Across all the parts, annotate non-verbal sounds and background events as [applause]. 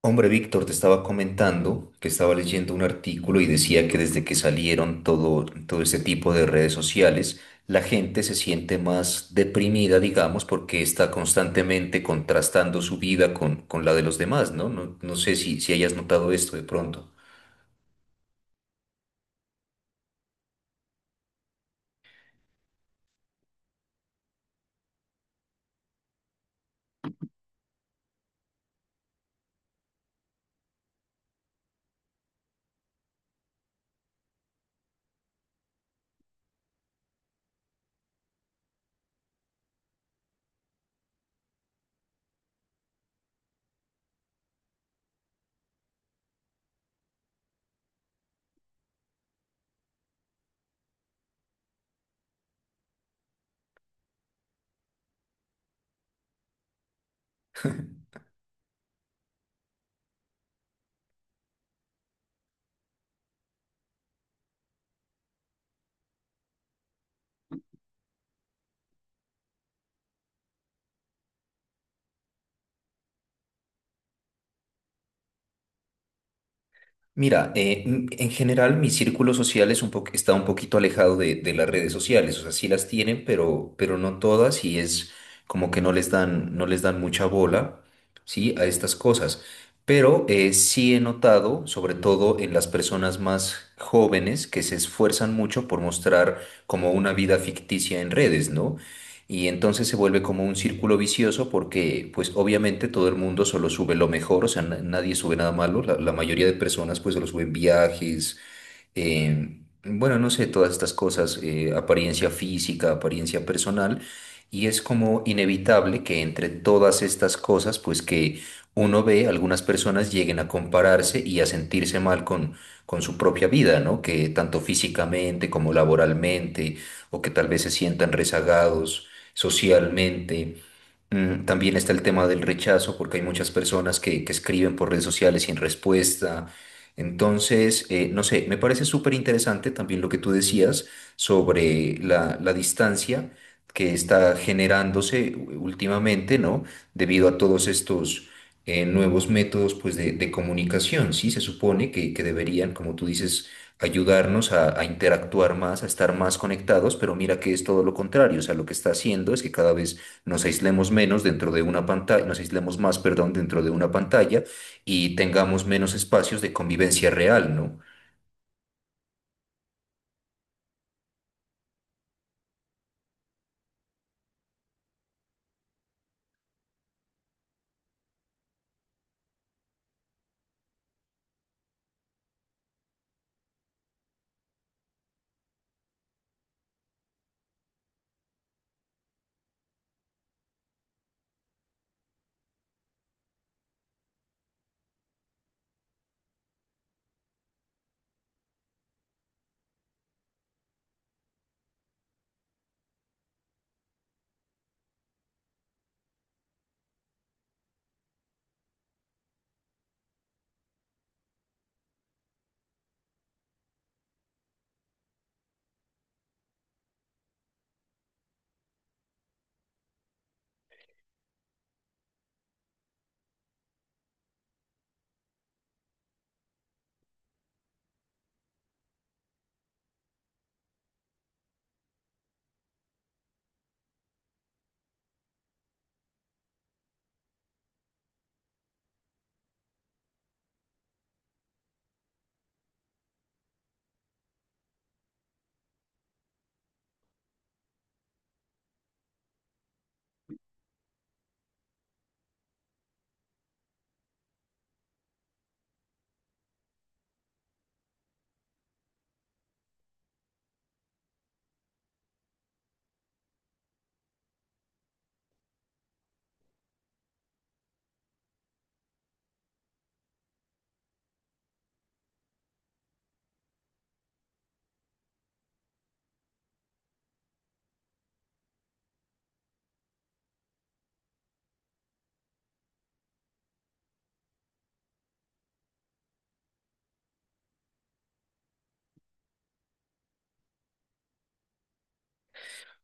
Hombre, Víctor, te estaba comentando que estaba leyendo un artículo y decía que desde que salieron todo este tipo de redes sociales, la gente se siente más deprimida, digamos, porque está constantemente contrastando su vida con la de los demás, ¿no? No sé si hayas notado esto de pronto. Mira, en general mi círculo social es está un poquito alejado de las redes sociales, o sea, sí las tienen, pero no todas y es como que no les dan, no les dan mucha bola, ¿sí? A estas cosas. Pero sí he notado, sobre todo en las personas más jóvenes, que se esfuerzan mucho por mostrar como una vida ficticia en redes, ¿no? Y entonces se vuelve como un círculo vicioso porque pues obviamente todo el mundo solo sube lo mejor, o sea, nadie sube nada malo, la mayoría de personas pues solo suben viajes, bueno, no sé, todas estas cosas, apariencia física, apariencia personal, y es como inevitable que entre todas estas cosas, pues que uno ve, algunas personas lleguen a compararse y a sentirse mal con su propia vida, ¿no? Que tanto físicamente como laboralmente, o que tal vez se sientan rezagados socialmente. Mm, también está el tema del rechazo, porque hay muchas personas que escriben por redes sociales sin respuesta. Entonces, no sé, me parece súper interesante también lo que tú decías sobre la distancia que está generándose últimamente, ¿no? Debido a todos estos nuevos métodos, pues, de comunicación, ¿sí? Se supone que deberían, como tú dices, ayudarnos a interactuar más, a estar más conectados, pero mira que es todo lo contrario. O sea, lo que está haciendo es que cada vez nos aislemos menos dentro de una pantalla, nos aislemos más, perdón, dentro de una pantalla y tengamos menos espacios de convivencia real, ¿no?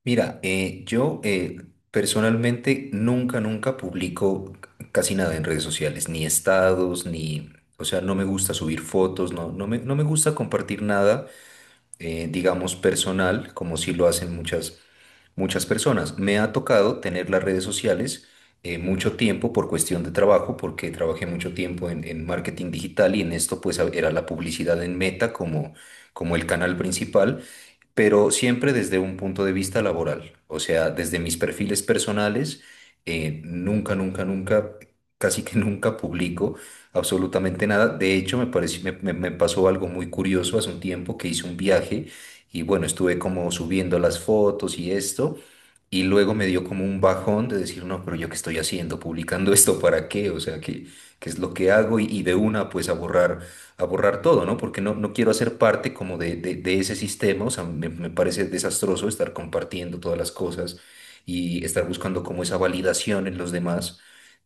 Mira, yo, personalmente nunca, nunca publico casi nada en redes sociales, ni estados, ni, o sea, no me gusta subir fotos, no, no me gusta compartir nada, digamos, personal, como si lo hacen muchas, muchas personas. Me ha tocado tener las redes sociales mucho tiempo por cuestión de trabajo, porque trabajé mucho tiempo en marketing digital y en esto pues era la publicidad en Meta como, como el canal principal, pero siempre desde un punto de vista laboral, o sea, desde mis perfiles personales, nunca, nunca, nunca, casi que [laughs] nunca publico absolutamente nada. De hecho, me pareció, me pasó algo muy curioso hace un tiempo que hice un viaje y bueno, estuve como subiendo las fotos y esto. Y luego me dio como un bajón de decir, no, pero yo qué estoy haciendo, publicando [laughs] esto para qué, o sea, qué, qué es lo que hago y de una pues a borrar todo, ¿no? Porque no, no quiero hacer parte como de ese sistema, o sea, me parece desastroso estar compartiendo todas las cosas y estar buscando como esa validación en los demás,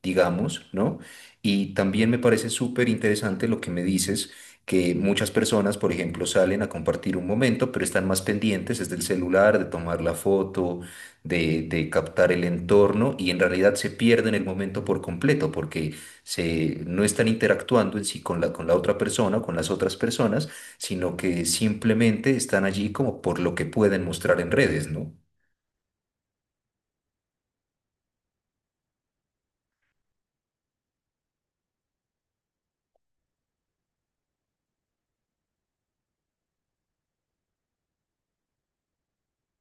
digamos, ¿no? Y también me parece súper interesante lo que me dices, que muchas personas, por ejemplo, salen a compartir un momento, pero están más pendientes, es del celular, de tomar la foto, de captar el entorno y en realidad se pierden el momento por completo, porque no están interactuando en sí con con la otra persona o con las otras personas, sino que simplemente están allí como por lo que pueden mostrar en redes, ¿no?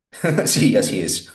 [laughs] Sí, así es.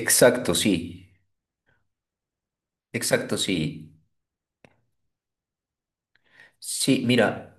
Exacto, sí. Exacto, sí. Sí, mira.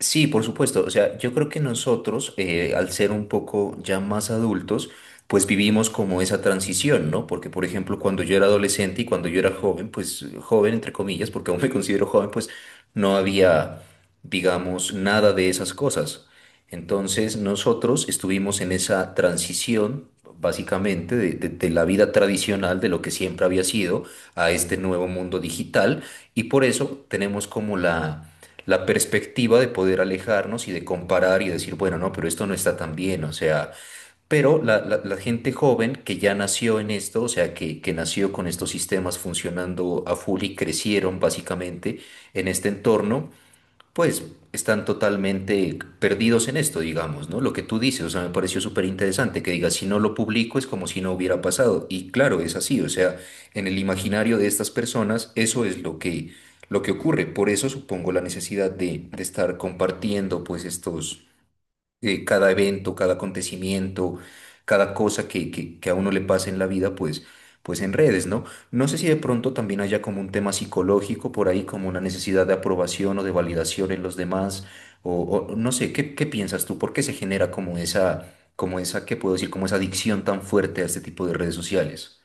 Sí, por supuesto. O sea, yo creo que nosotros, al ser un poco ya más adultos, pues vivimos como esa transición, ¿no? Porque, por ejemplo, cuando yo era adolescente y cuando yo era joven, pues joven, entre comillas, porque aún me considero joven, pues no había, digamos, nada de esas cosas. Entonces, nosotros estuvimos en esa transición, básicamente, de la vida tradicional, de lo que siempre había sido, a este nuevo mundo digital. Y por eso tenemos como la la perspectiva de poder alejarnos y de comparar y decir, bueno, no, pero esto no está tan bien, o sea, pero la gente joven que ya nació en esto, o sea, que nació con estos sistemas funcionando a full y crecieron básicamente en este entorno, pues están totalmente perdidos en esto, digamos, ¿no? Lo que tú dices, o sea, me pareció súper interesante que digas, si no lo publico es como si no hubiera pasado. Y claro, es así, o sea, en el imaginario de estas personas eso es lo que ocurre. Por eso supongo la necesidad de estar compartiendo pues estos cada evento, cada acontecimiento, cada cosa que a uno le pasa en la vida, pues, pues en redes, ¿no? No sé si de pronto también haya como un tema psicológico por ahí, como una necesidad de aprobación o de validación en los demás, o, o no sé, ¿qué, qué piensas tú? ¿Por qué se genera como esa, qué puedo decir, como esa adicción tan fuerte a este tipo de redes sociales?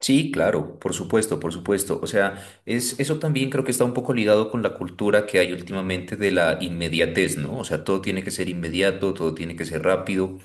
Sí, claro, por supuesto, por supuesto. O sea, es, eso también creo que está un poco ligado con la cultura que hay últimamente de la inmediatez, ¿no? O sea, todo tiene que ser inmediato, todo tiene que ser rápido.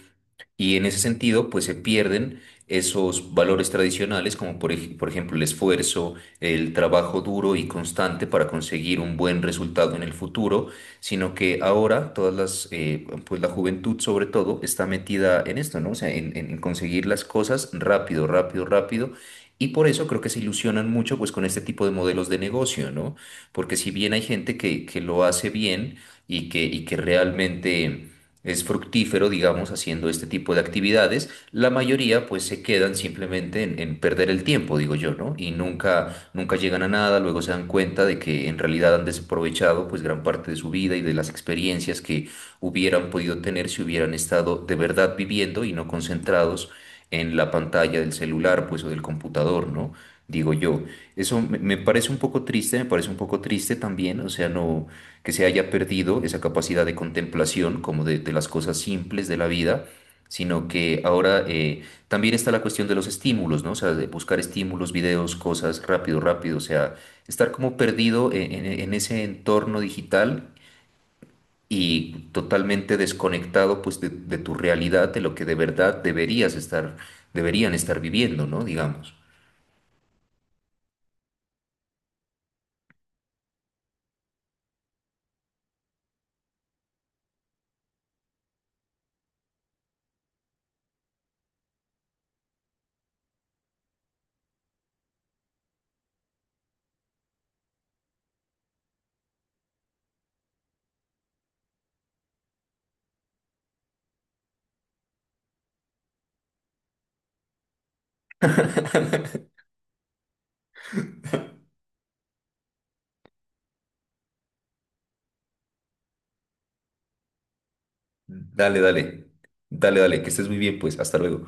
Y en ese sentido, pues se pierden esos valores tradicionales, como por, por ejemplo el esfuerzo, el trabajo duro y constante para conseguir un buen resultado en el futuro, sino que ahora todas las, pues la juventud sobre todo está metida en esto, ¿no? O sea, en, en conseguir las cosas rápido, rápido, rápido. Y por eso creo que se ilusionan mucho pues con este tipo de modelos de negocio, ¿no? Porque si bien hay gente que lo hace bien y que realmente es fructífero, digamos, haciendo este tipo de actividades, la mayoría pues se quedan simplemente en perder el tiempo, digo yo, ¿no? Y nunca, nunca llegan a nada, luego se dan cuenta de que en realidad han desaprovechado pues gran parte de su vida y de las experiencias que hubieran podido tener si hubieran estado de verdad viviendo y no concentrados en la pantalla del celular pues o del computador, ¿no? Digo yo, eso me parece un poco triste, me parece un poco triste también, o sea, no, que se haya perdido esa capacidad de contemplación como de las cosas simples de la vida, sino que ahora también está la cuestión de los estímulos, ¿no? O sea, de buscar estímulos, videos, cosas rápido, rápido, o sea, estar como perdido en, en ese entorno digital y totalmente desconectado pues de tu realidad, de lo que de verdad deberías estar, deberían estar viviendo, ¿no? Digamos. Dale, dale, dale, dale, que estés muy bien, pues, hasta luego.